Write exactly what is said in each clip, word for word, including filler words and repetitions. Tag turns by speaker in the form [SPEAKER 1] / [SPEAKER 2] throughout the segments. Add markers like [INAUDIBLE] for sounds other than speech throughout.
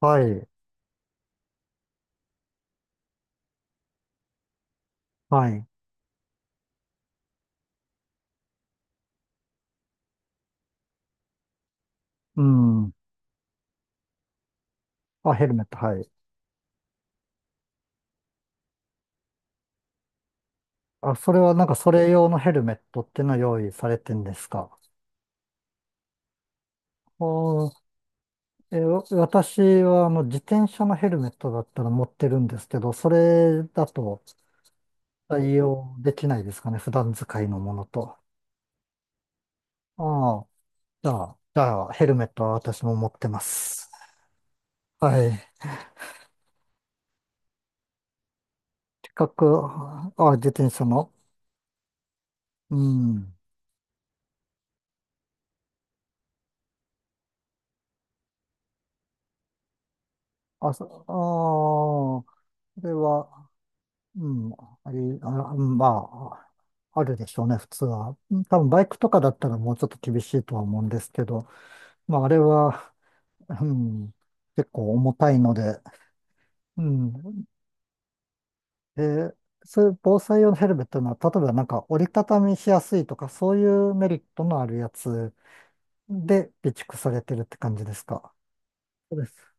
[SPEAKER 1] はい、はい。うん。あ、ヘルメット、はい。あ、それはなんかそれ用のヘルメットっていうのは用意されてんですか？おー。え、わ私はあの自転車のヘルメットだったら持ってるんですけど、それだと対応できないですかね、普段使いのものと。ああ、じゃあ、じゃあヘルメットは私も持ってます。はい。近く、あ、自転車の。うん。あ、そ、ああ、それは、うん、あり、あ、まあ、あるでしょうね、普通は。うん、多分バイクとかだったらもうちょっと厳しいとは思うんですけど、まあ、あれは、うん、結構重たいので、うん。で、そういう防災用のヘルメットのは、例えばなんか折りたたみしやすいとか、そういうメリットのあるやつで備蓄されてるって感じですか。そうです。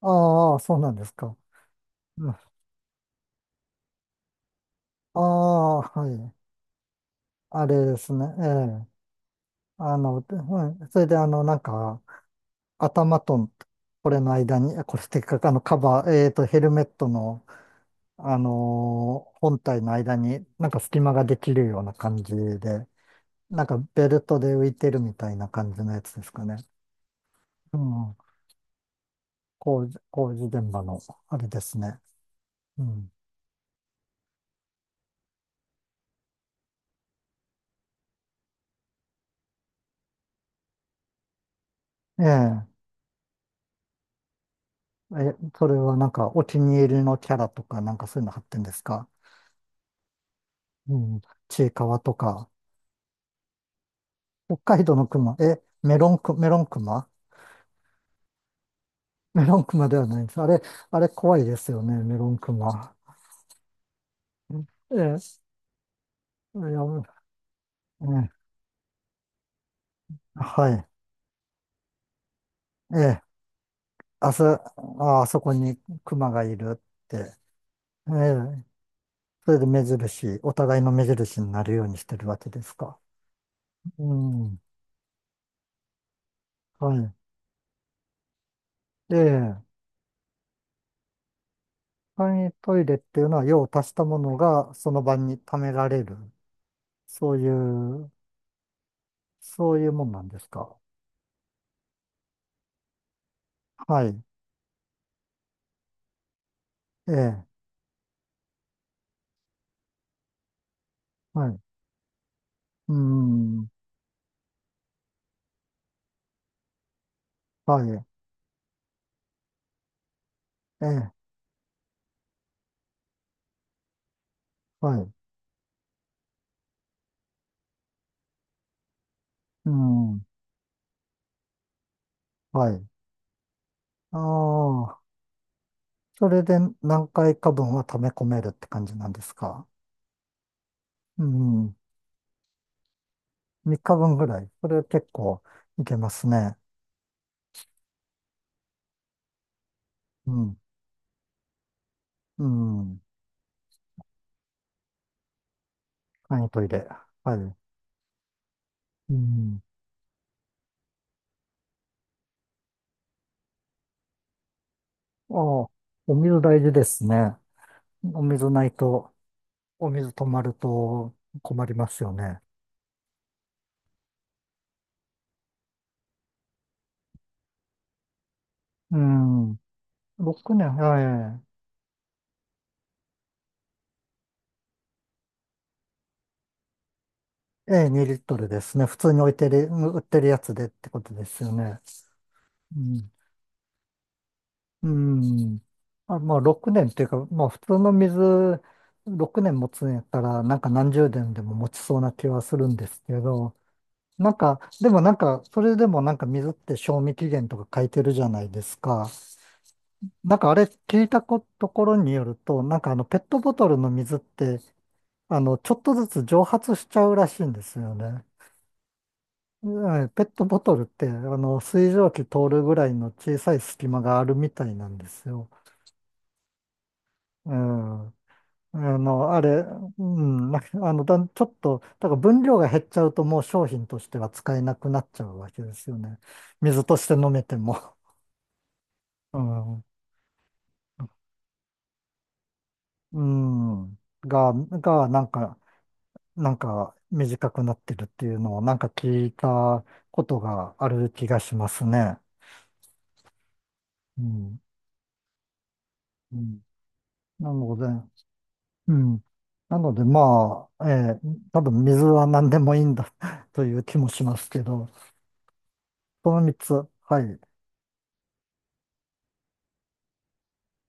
[SPEAKER 1] ああ、そうなんですか。うん、ああ、はい。あれですね。ええ。あの、うん、それであの、なんか、頭と、これの間に、これってか、あの、カバー、えっと、ヘルメットの、あのー本体の間に、なんか隙間ができるような感じで、なんかベルトで浮いてるみたいな感じのやつですかね。うん。工事、工事現場の、あれですね。うん。ええ。え、それはなんかお気に入りのキャラとか、なんかそういうの貼ってんですか？うん。ちいかわとか、北海道の熊、え、メロンク、メロン熊？メロンクマではないです。あれ、あれ怖いですよね、メロンクマ。ええ、いや、ええ、はい。ええ、あそ、あ、あそこにクマがいるって。ええ、それで目印、お互いの目印になるようにしてるわけですか。うん。はい。ええ、簡易トイレっていうのは用を足したものがその場に貯められる。そういう、そういうもんなんですか。はい。ええ、はい。うん。はい。ええ、はい。うん。はい。ああ、それで何回か分は溜め込めるって感じなんですか。うん。さんにちぶんぐらい。それ結構いけますね。うん。うん。簡易トイレ。はい。うん。ああ、お水大事ですね。お水ないと、お水止まると困りますよね。うん。ろくねん、はい。ええ、にリットルですね。普通に置いてる、売ってるやつでってことですよね。うん。うん。あ、まあ、ろくねんっていうか、まあ、普通の水、ろくねん持つんやったら、なんか何十年でも持ちそうな気はするんですけど、なんか、でもなんか、それでもなんか水って賞味期限とか書いてるじゃないですか。なんかあれ聞いたこところによると、なんかあの、ペットボトルの水って、あの、ちょっとずつ蒸発しちゃうらしいんですよね。うん、ペットボトルって、あの、水蒸気通るぐらいの小さい隙間があるみたいなんですよ。うん。あの、あれ、うん、なあの、だん、ちょっと、だから分量が減っちゃうともう商品としては使えなくなっちゃうわけですよね。水として飲めても。うん。うん。が、が、なんか、なんか短くなってるっていうのをなんか聞いたことがある気がしますね。うん。うん。なので、うん。なので、まあ、えー多分水は何でもいいんだ [LAUGHS] という気もしますけど、このみっつ、はい。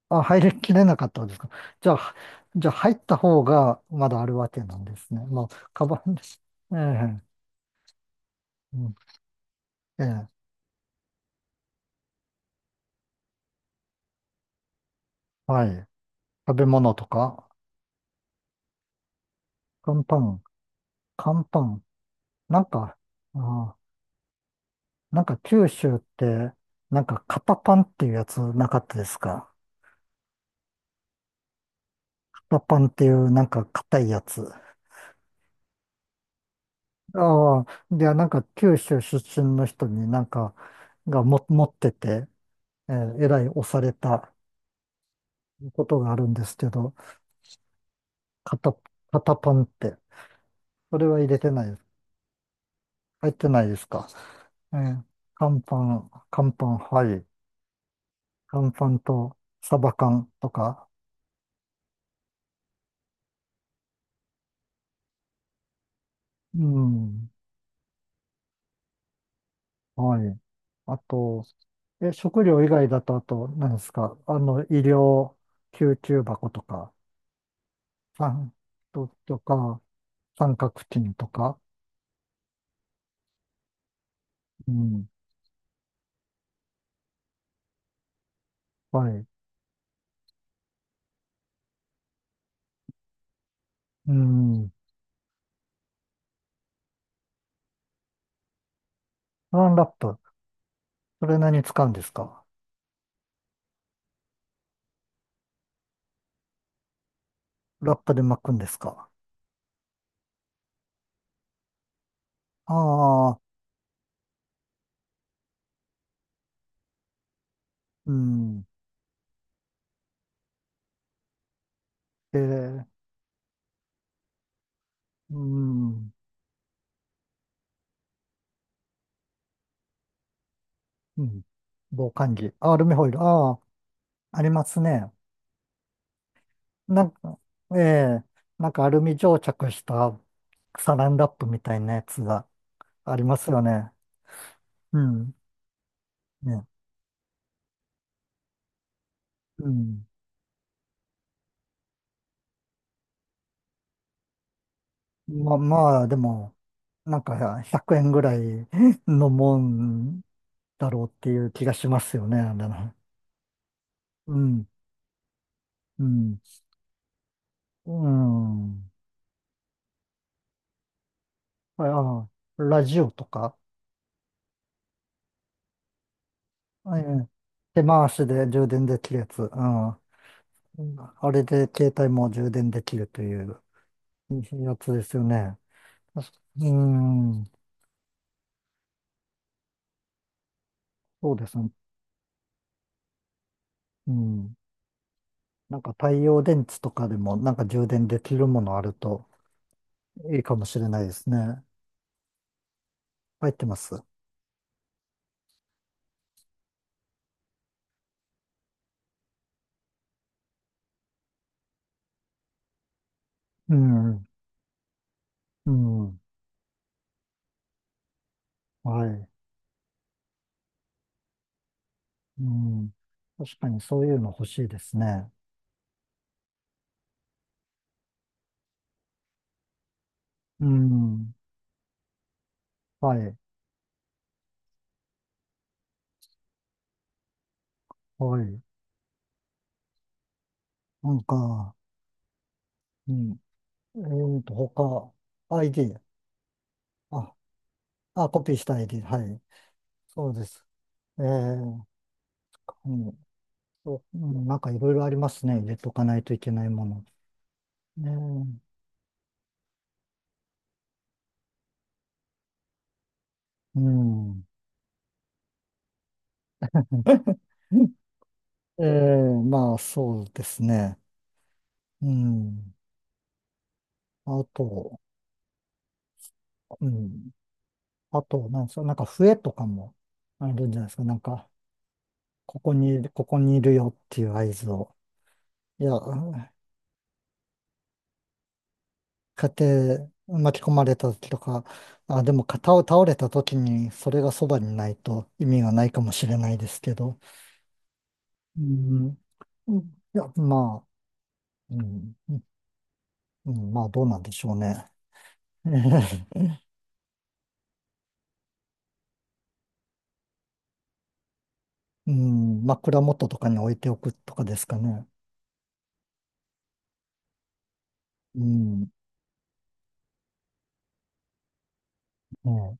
[SPEAKER 1] あ、入りきれなかったんですか。じゃあ、じゃあ入った方がまだあるわけなんですね。まあ、カバンです。ええ、うん、ええ、はい。食べ物とか、乾パン、乾パン。なんか、あー、なんか九州って、なんか型パンっていうやつなかったですか。型パンっていうなんか硬いやつ。ああ、で、なんか九州出身の人になんか、がも持ってて、えーえらい押されたことがあるんですけど、肩、肩パンって。それは入れてないです。入ってないですか。えー、乾パン、乾パン、はい。乾パンとサバ缶とか。うん。はい。あと、え、食料以外だと、あと、何ですか。あの、医療救急箱とか、三と、とか、三角巾とか。うん。はい。うん。ワンラップ。それ何使うんですか？ラップで巻くんですか？ああー、うん。えー、うん、うん。防寒着。あ、アルミホイル。ああ、ありますね。なんか、ええ、なんかアルミ蒸着したサランラップみたいなやつがありますよね。うん。ね。うん。ま、まあ、でも、なんかひゃくえんぐらい [LAUGHS] のもんだろうっていう気がしますよね。あれね。うん。うん。うん。ああ、ラジオとか。ええ、手回しで充電できるやつ。うん。うん、あれで携帯も充電できるというやつですよね。うん。そうですね。うん。なんか太陽電池とかでもなんか充電できるものあるといいかもしれないですね。入ってます。うん。うん。はい。うん。確かにそういうの欲しいですね。うん。はい。はい。なんか、うん。えーと、他、アイディー。あ、あ、コピーしたいり、はい。そうです。ええ、うん。そう、うん、なんかいろいろありますね。入れとかないといけないもの。ねえ、うん。[LAUGHS] ええ、まあ、そうですね。うん。あと、うん。あと、なんですか、なんか笛とかもあるんじゃないですか。なんか、ここに、ここにいるよっていう合図を。いや、家庭巻き込まれた時とか、あ、でも肩を倒れた時にそれがそばにないと意味がないかもしれないですけど、うん、うん、いや、まあ、うん、うん、まあどうなんでしょうね。[LAUGHS] えへへ、うん、枕元とかに置いておくとかですかね。うん、ね。